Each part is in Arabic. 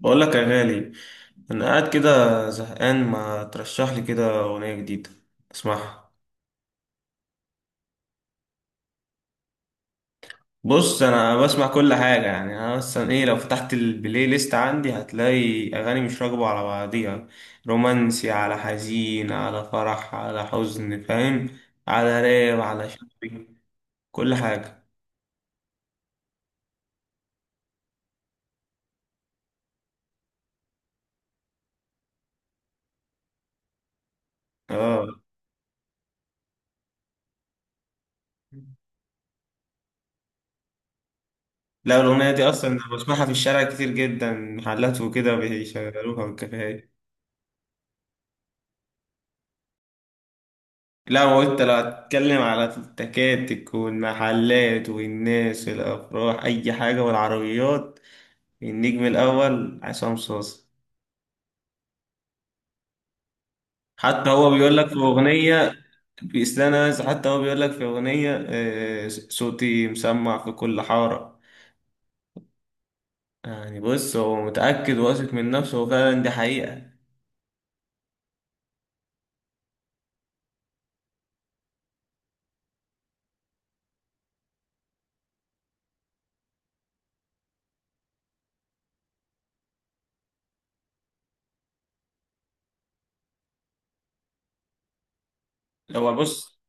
بقول لك يا غالي، انا قاعد كده زهقان، ما ترشح لي كده اغنيه جديده اسمعها. بص، انا بسمع كل حاجه، يعني انا مثلا ايه، لو فتحت البلاي ليست عندي هتلاقي اغاني مش راكبه على بعضيها. رومانسي على حزين على فرح على حزن، فاهم؟ على راب على شعبي، كل حاجه. اه. لا الاغنيه دي اصلا أنا بسمعها في الشارع كتير جدا، محلات وكده بيشغلوها والكافيهات. لا هو انت لو هتتكلم على التكاتك والمحلات والناس والافراح اي حاجه والعربيات، النجم الاول عصام صاصا. حتى هو بيقول لك في اغنيه بيسلانا، حتى هو بيقول لك في اغنيه آه، صوتي مسمع في كل حاره. يعني بص هو متاكد واثق من نفسه، وفعلا دي حقيقه. هو بص،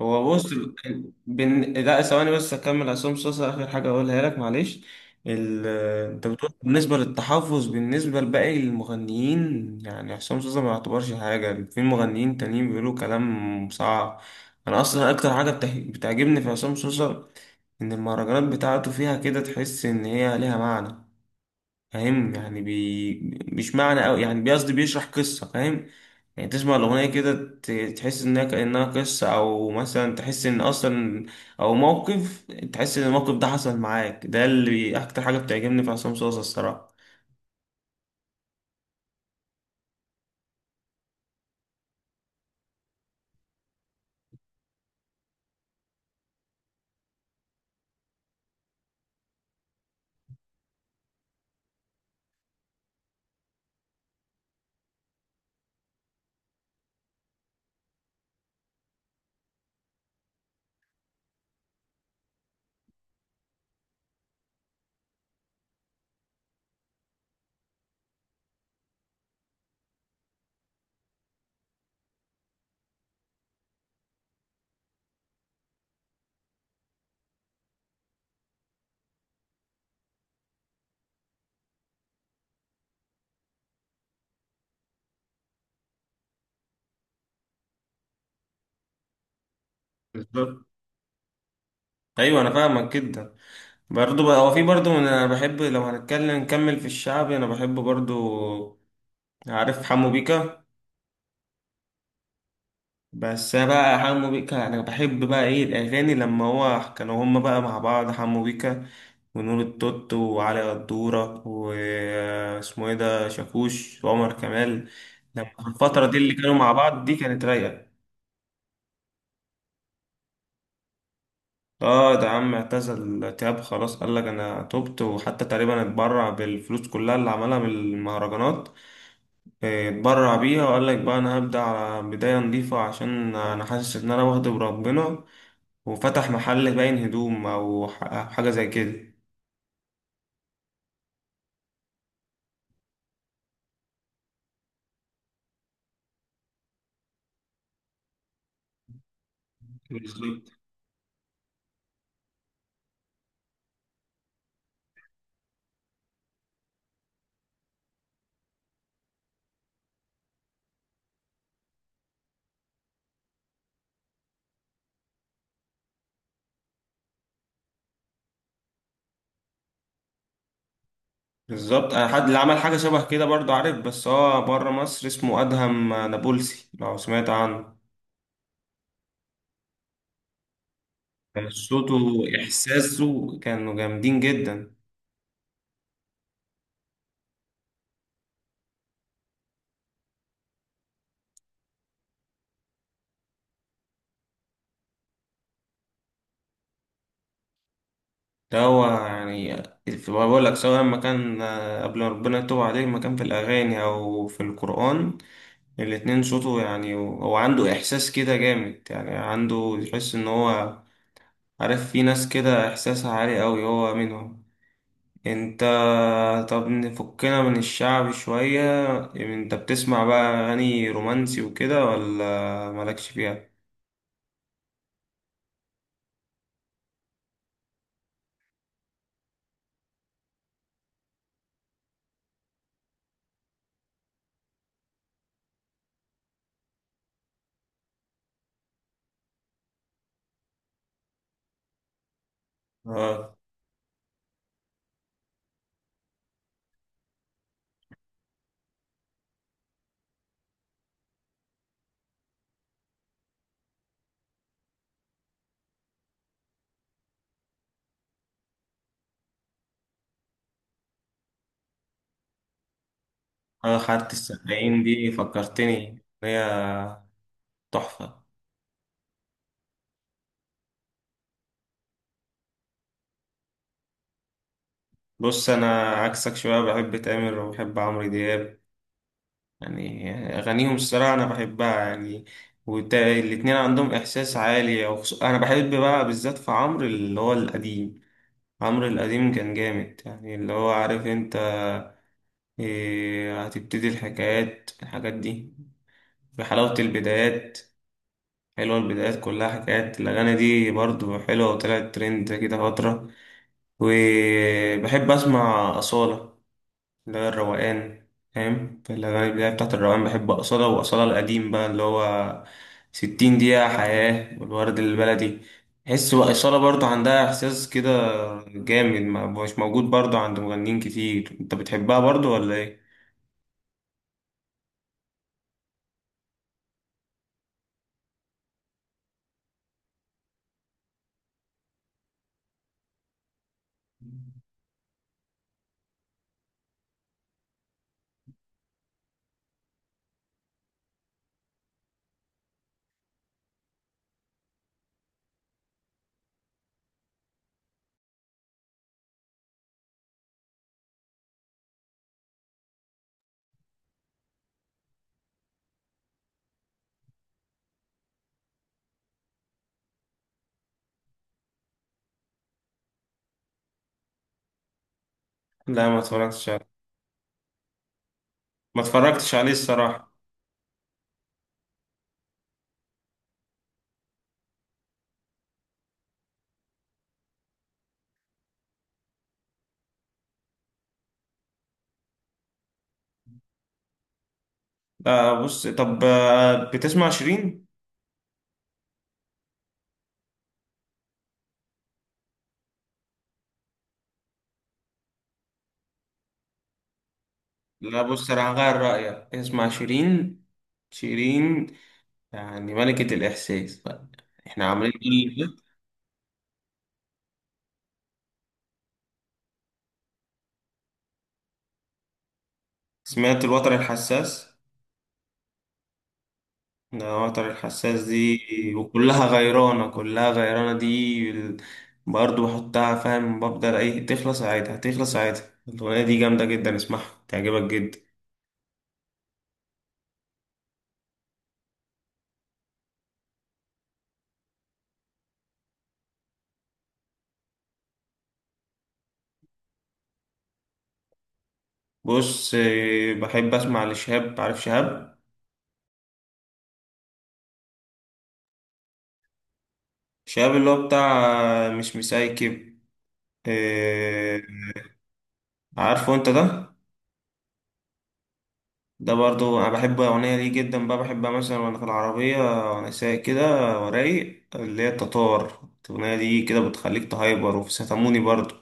هو بص لا ثواني بس اكمل، عصام صاصا اخر حاجه اقولها لك معلش. ال... انت بتقول بالنسبه للتحفظ، بالنسبه لباقي المغنيين يعني عصام صاصا ما يعتبرش حاجه، في مغنيين تانيين بيقولوا كلام صعب. انا اصلا اكتر حاجه بتعجبني في عصام صاصا، ان المهرجانات بتاعته فيها كده تحس ان هي ليها معنى، فاهم؟ يعني بي مش معنى أوي، يعني بيقصد بيشرح قصة، فاهم؟ يعني تسمع الأغنية كده، تحس إنها كأنها قصة، أو مثلا تحس إن أصلا، أو موقف، تحس إن الموقف ده حصل معاك، ده اللي أكتر حاجة بتعجبني في عصام صوصة الصراحة. بالظبط. أيوة أنا فاهمك جدا. برضه بقى هو في برضه، أنا بحب لو هنتكلم نكمل في الشعب، أنا بحب برضه. عارف حمو بيكا؟ بس أنا بقى حمو بيكا انا بحب بقى، ايه الاغاني لما هو كانوا هما بقى مع بعض، حمو بيكا ونور التوت وعلي قدورة واسمه ايه ده شاكوش وعمر كمال. لما الفترة دي اللي كانوا مع بعض دي كانت رايقة. اه، ده عم اعتزل تياب خلاص، قال لك انا تبت، وحتى تقريبا اتبرع بالفلوس كلها اللي عملها من المهرجانات. آه، اتبرع بيها، وقال لك بقى انا هبدأ على بداية نظيفة، عشان انا حاسس ان انا واخد بربنا، وفتح محل باين هدوم او أو حاجه زي كده. بالظبط. بالظبط آه، حد اللي عمل حاجه شبه كده برضه، عارف؟ بس هو بره مصر، اسمه ادهم نابلسي، لو سمعت عنه. كان صوته واحساسه كانوا جامدين جدا. ده هو يعني، بقول لك سواء لما كان آه، قبل ما ربنا يتوب عليه، لما كان في الاغاني او في القران، الاتنين صوته يعني هو عنده احساس كده جامد، يعني عنده يحس ان هو، عارف في ناس كده احساسها عالي قوي، هو منهم. انت. طب نفكنا من الشعب شوية، انت بتسمع بقى اغاني رومانسي وكده ولا مالكش فيها؟ اه، انا خدت السقايين دي، فكرتني هي تحفة. بص انا عكسك شوية، بحب تامر وبحب عمرو دياب، يعني اغانيهم الصراحة انا بحبها يعني. والاتنين عندهم احساس عالي، انا بحب بقى بالذات في عمرو اللي هو القديم. عمرو القديم كان جامد، يعني اللي هو عارف انت، إيه، هتبتدي الحكايات الحاجات دي، في حلاوة البدايات، حلوة البدايات كلها حكايات، الأغاني دي برضو حلوة وطلعت ترند كده فترة. وبحب أسمع أصالة اللي هي الروقان، فاهم؟ في الأغاني البداية بتاعت الروقان، بحب أصالة، وأصالة القديم بقى اللي هو 60 دقيقة حياة والورد البلدي. تحس بقى أصالة برضو عندها إحساس كده جامد، مش موجود برضو عند مغنيين كتير. أنت بتحبها برضو ولا إيه؟ لا، ما اتفرجتش. ما اتفرجتش عليه الصراحة. لا بص طب آه، بتسمع شيرين؟ لا بص انا هغير رأيك، اسمع شيرين. شيرين يعني ملكة الإحساس بقى، احنا عاملين كل اللي فات. سمعت الوتر الحساس؟ ده الوتر الحساس دي، وكلها غيرانة، كلها غيرانة، برضه بحطها، فاهم، بفضل ايه تخلص عادي، هتخلص عادي. الأغنية دي جامدة جدا، اسمعها تعجبك جدا. بص آه، بحب اسمع لشهاب، عارف شهاب؟ شاب اللي هو بتاع مش مسايكب، آه، عارفه انت ده. ده برضو انا بحب اغنيه ليه جدا بقى، بحبها مثلا وانا في العربيه وانا سايق كده ورايق، اللي هي التتار، الاغنيه دي كده بتخليك تهايبر، وفي ستاموني برضو.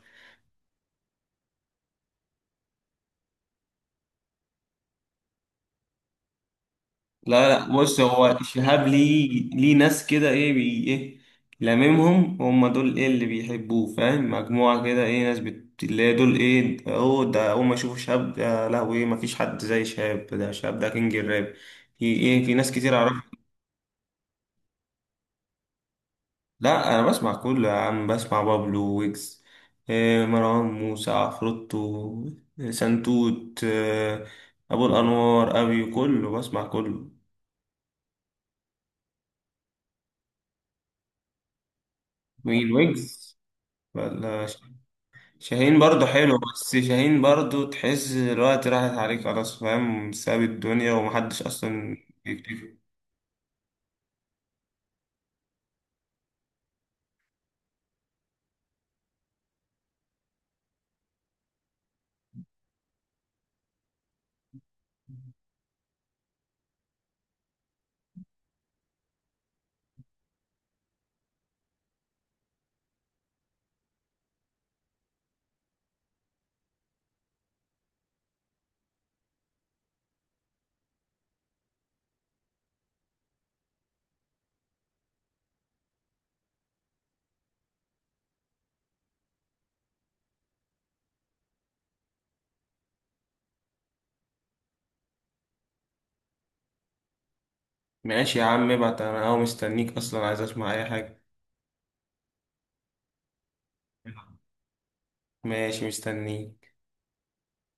لا لا بص، هو شهاب ليه، ليه ناس كده ايه بي ايه، لاممهم هم دول، ايه اللي بيحبوه، فاهم؟ مجموعة كده ايه ناس اللي هي دول ايه، اهو ده اول ما يشوفوا شهاب ده لهوي ايه، مفيش حد زي شهاب ده، شهاب ده كينج الراب. في ايه، في ناس كتير اعرفها. لا انا بسمع كله يا عم، بسمع بابلو ويجز، إيه مروان موسى عفروتو سنتوت إيه، ابو الانوار ابي كله، بسمع كله. مين ويجز ولا شاهين؟ برضو حلو، بس شاهين برضو تحس الوقت راحت عليك خلاص، فاهم؟ ساب الدنيا ومحدش أصلا بيكتفي. ماشي يا عم ابعت، أنا أهو مستنيك أصلا، عايز أسمع أي حاجة. ماشي مستنيك.